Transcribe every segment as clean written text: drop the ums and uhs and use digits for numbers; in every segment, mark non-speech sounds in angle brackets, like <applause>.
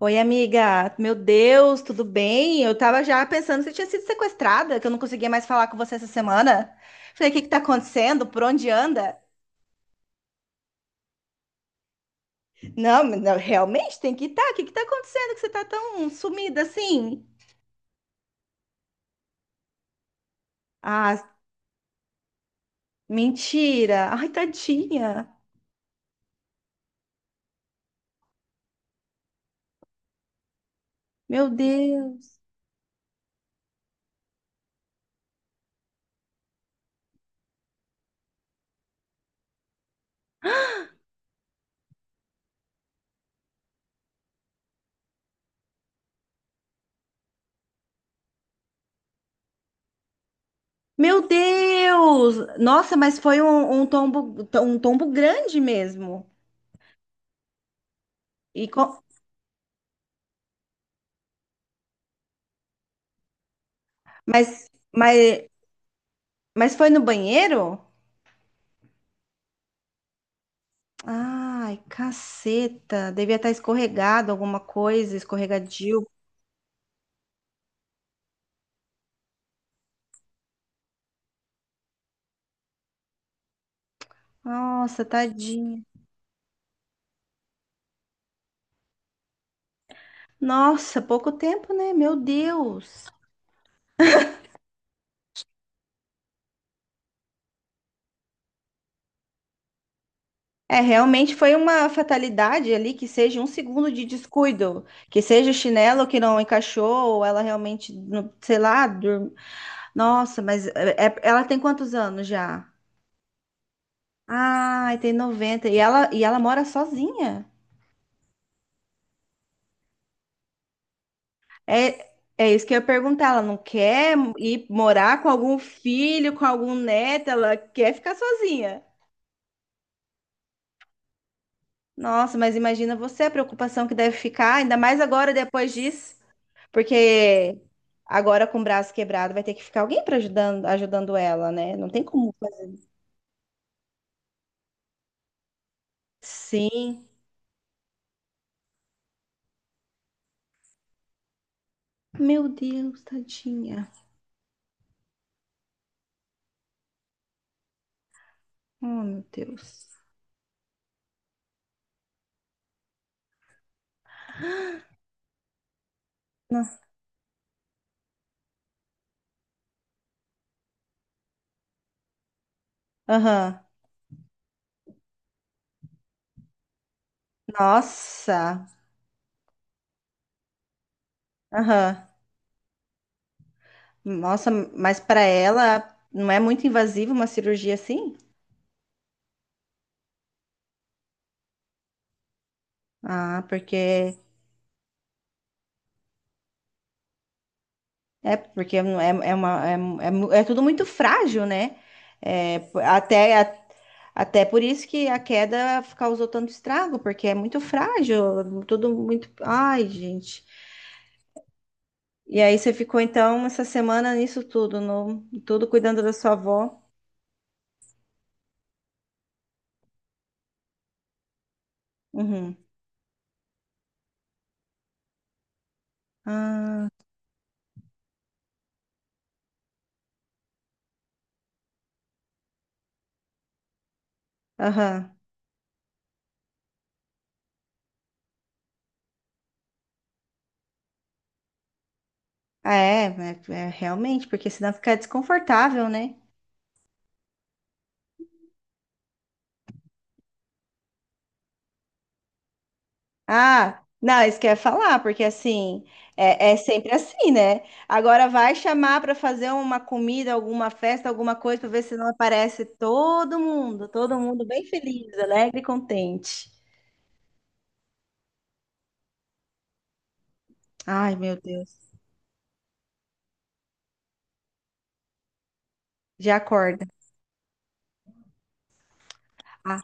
Oi, amiga. Meu Deus, tudo bem? Eu tava já pensando que você tinha sido sequestrada, que eu não conseguia mais falar com você essa semana. Falei, o que que tá acontecendo? Por onde anda? Não, mas não, realmente tem que estar. O que que tá acontecendo que você tá tão sumida assim? Ah, mentira. Ai, tadinha. Meu Deus. Meu Deus! Nossa, mas foi um tombo, um tombo grande mesmo. E co- mas, mas, mas foi no banheiro? Ai, caceta. Devia estar escorregado alguma coisa, escorregadio. Nossa, tadinha. Nossa, pouco tempo, né? Meu Deus. É, realmente foi uma fatalidade ali, que seja um segundo de descuido, que seja o chinelo que não encaixou, ou ela realmente, sei lá, dur-. Nossa, mas ela tem quantos anos já? Ai, tem 90. E ela mora sozinha? É, é isso que eu ia perguntar. Ela não quer ir morar com algum filho, com algum neto, ela quer ficar sozinha. Nossa, mas imagina você a preocupação que deve ficar, ainda mais agora depois disso, porque agora com o braço quebrado vai ter que ficar alguém para ajudando ela, né? Não tem como fazer. Sim. Meu Deus, tadinha. Oh, meu Deus. Não. Aham. Nossa. Aham. Nossa, mas para ela não é muito invasiva uma cirurgia assim? Ah, porque é, é é uma é tudo muito frágil, né? É, até por isso que a queda causou tanto estrago, porque é muito frágil, tudo muito. Ai, gente. E aí você ficou então essa semana nisso tudo, no tudo cuidando da sua avó. Uhum. Ah, aham. Ah, é, realmente, porque senão fica desconfortável, né? Ah, não, isso que eu ia falar, porque assim, é sempre assim, né? Agora vai chamar para fazer uma comida, alguma festa, alguma coisa, para ver se não aparece todo mundo bem feliz, alegre e contente. Ai, meu Deus, já acorda. Ah,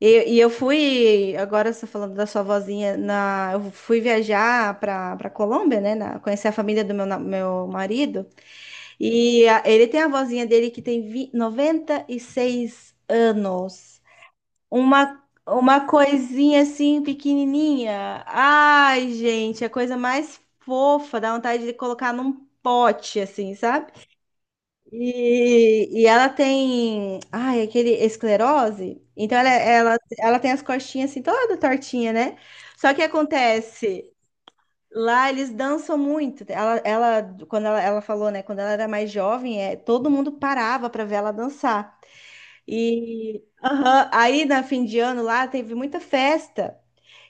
e eu fui, agora você falando da sua vozinha, eu fui viajar para Colômbia, né? Conhecer a família do meu marido, e ele tem a vozinha dele que tem 96 anos. Uma coisinha assim, pequenininha. Ai, gente, a coisa mais fofa, dá vontade de colocar num pote, assim, sabe? E ela tem, ai, aquele esclerose. Então ela tem as costinhas assim, toda tortinha, né? Só que acontece, lá eles dançam muito. Ela quando ela falou, né? Quando ela era mais jovem, é, todo mundo parava para ver ela dançar. E aham, aí na fim de ano lá teve muita festa.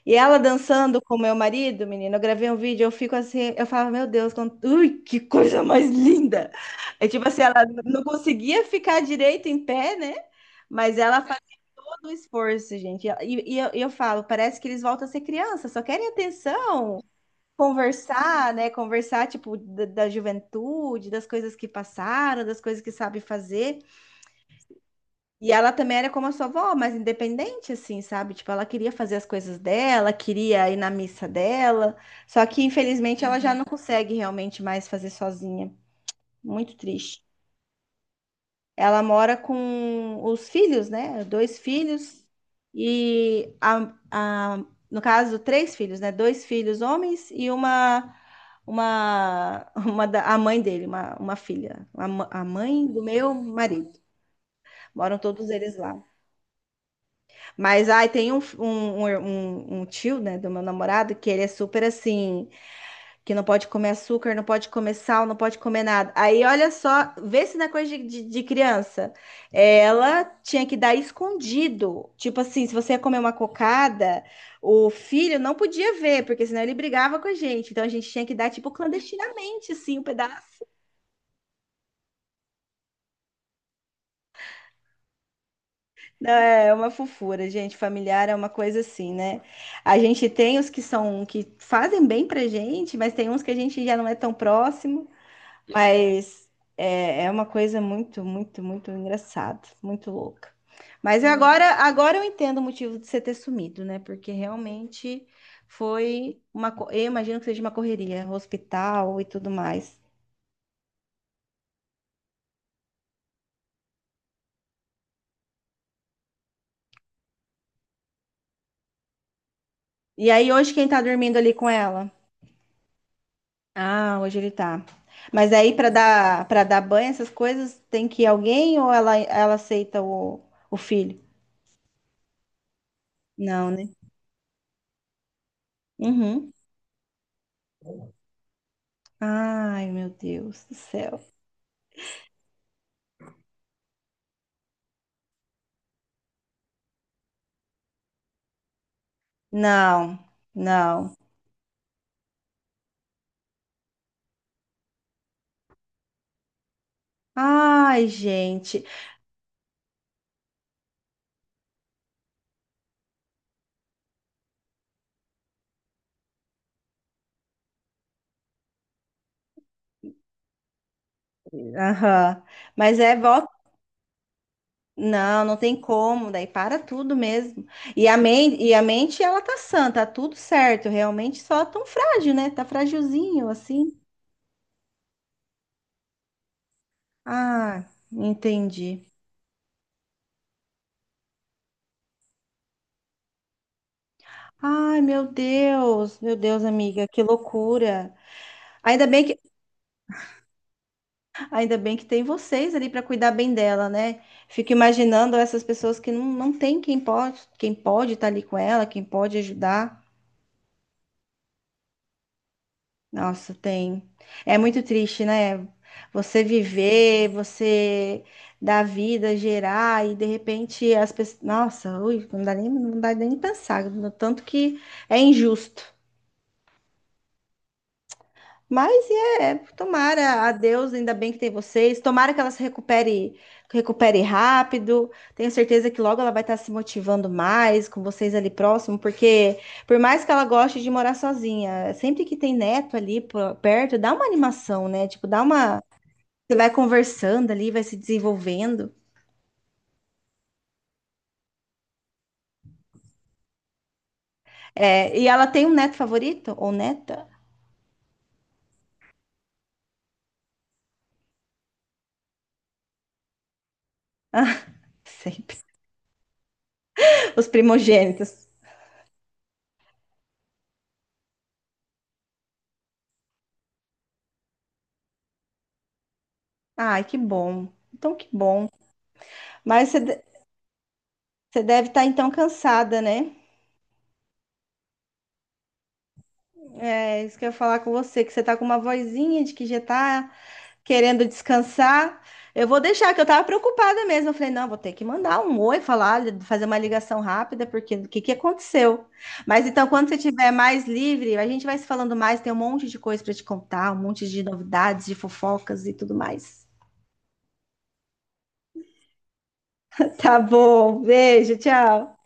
E ela dançando com meu marido, menina, eu gravei um vídeo, eu fico assim, eu falava, meu Deus, ui, que coisa mais linda! É tipo assim, ela não conseguia ficar direito em pé, né? Mas ela fazia todo o esforço, gente. E eu falo, parece que eles voltam a ser criança, só querem atenção, conversar, né? Conversar, tipo, da juventude, das coisas que passaram, das coisas que sabe fazer. E ela também era como a sua avó, mas independente, assim, sabe? Tipo, ela queria fazer as coisas dela, queria ir na missa dela. Só que, infelizmente, ela já, uhum, não, uhum, consegue realmente mais fazer sozinha. Muito triste. Ela mora com os filhos, né? Dois filhos. E, no caso, três filhos, né? Dois filhos homens e uma, <laughs> a mãe dele, uma filha. A mãe do meu marido. Moram todos eles lá. Mas ai, tem um, um, um, er, um um tio, né, do meu namorado, que ele é super assim, que não pode comer açúcar, não pode comer sal, não pode comer nada. Aí olha só, vê se na coisa de, de criança. Ela tinha que dar escondido. Tipo assim, se você ia comer uma cocada, o filho não podia ver, porque senão ele brigava com a gente. Então a gente tinha que dar, tipo, clandestinamente, assim, o pedaço. Não. É uma fofura, gente. Familiar é uma coisa assim, né? A gente tem os que são que fazem bem pra gente, mas tem uns que a gente já não é tão próximo. Mas é uma coisa muito, muito, muito engraçada, muito louca. Mas eu agora eu entendo o motivo de você ter sumido, né? Porque realmente foi eu imagino que seja uma correria, hospital e tudo mais. E aí hoje quem tá dormindo ali com ela? Ah, hoje ele tá. Mas aí para dar banho, essas coisas, tem que ir alguém ou ela aceita o filho? Não, né? Uhum. Ai, meu Deus do céu. Não, não. Ai, gente. Aham. Mas é volta. Não, não tem como, daí para tudo mesmo. E a mente, ela tá sã, tá tudo certo, realmente só tão frágil, né? Tá fragilzinho assim. Ah, entendi. Ai, meu Deus, amiga, que loucura. Ainda bem que, ainda bem que tem vocês ali para cuidar bem dela, né? Fico imaginando essas pessoas que não tem quem pode estar ali com ela, quem pode ajudar. Nossa, tem. É muito triste, né? Você viver, você dar vida, gerar e de repente as pessoas, nossa, ui, não dá nem pensar, no tanto que é injusto. Mas é, tomara a Deus, ainda bem que tem vocês. Tomara que ela se recupere, rápido. Tenho certeza que logo ela vai estar se motivando mais com vocês ali próximo, porque por mais que ela goste de morar sozinha, sempre que tem neto ali perto, dá uma animação, né? Tipo, dá uma. Você vai conversando ali, vai se desenvolvendo. É, e ela tem um neto favorito ou neta? <laughs> Sempre. Os primogênitos. Ai, que bom. Então, que bom. Mas você Você deve estar então cansada, né? É isso que eu ia falar com você, que você tá com uma vozinha de que já tá querendo descansar. Eu vou deixar, que eu tava preocupada mesmo. Eu falei, não, vou ter que mandar um oi, falar, fazer uma ligação rápida, porque o que que aconteceu? Mas então, quando você estiver mais livre, a gente vai se falando mais, tem um monte de coisa para te contar, um monte de novidades, de fofocas e tudo mais. <laughs> Tá bom, beijo, tchau.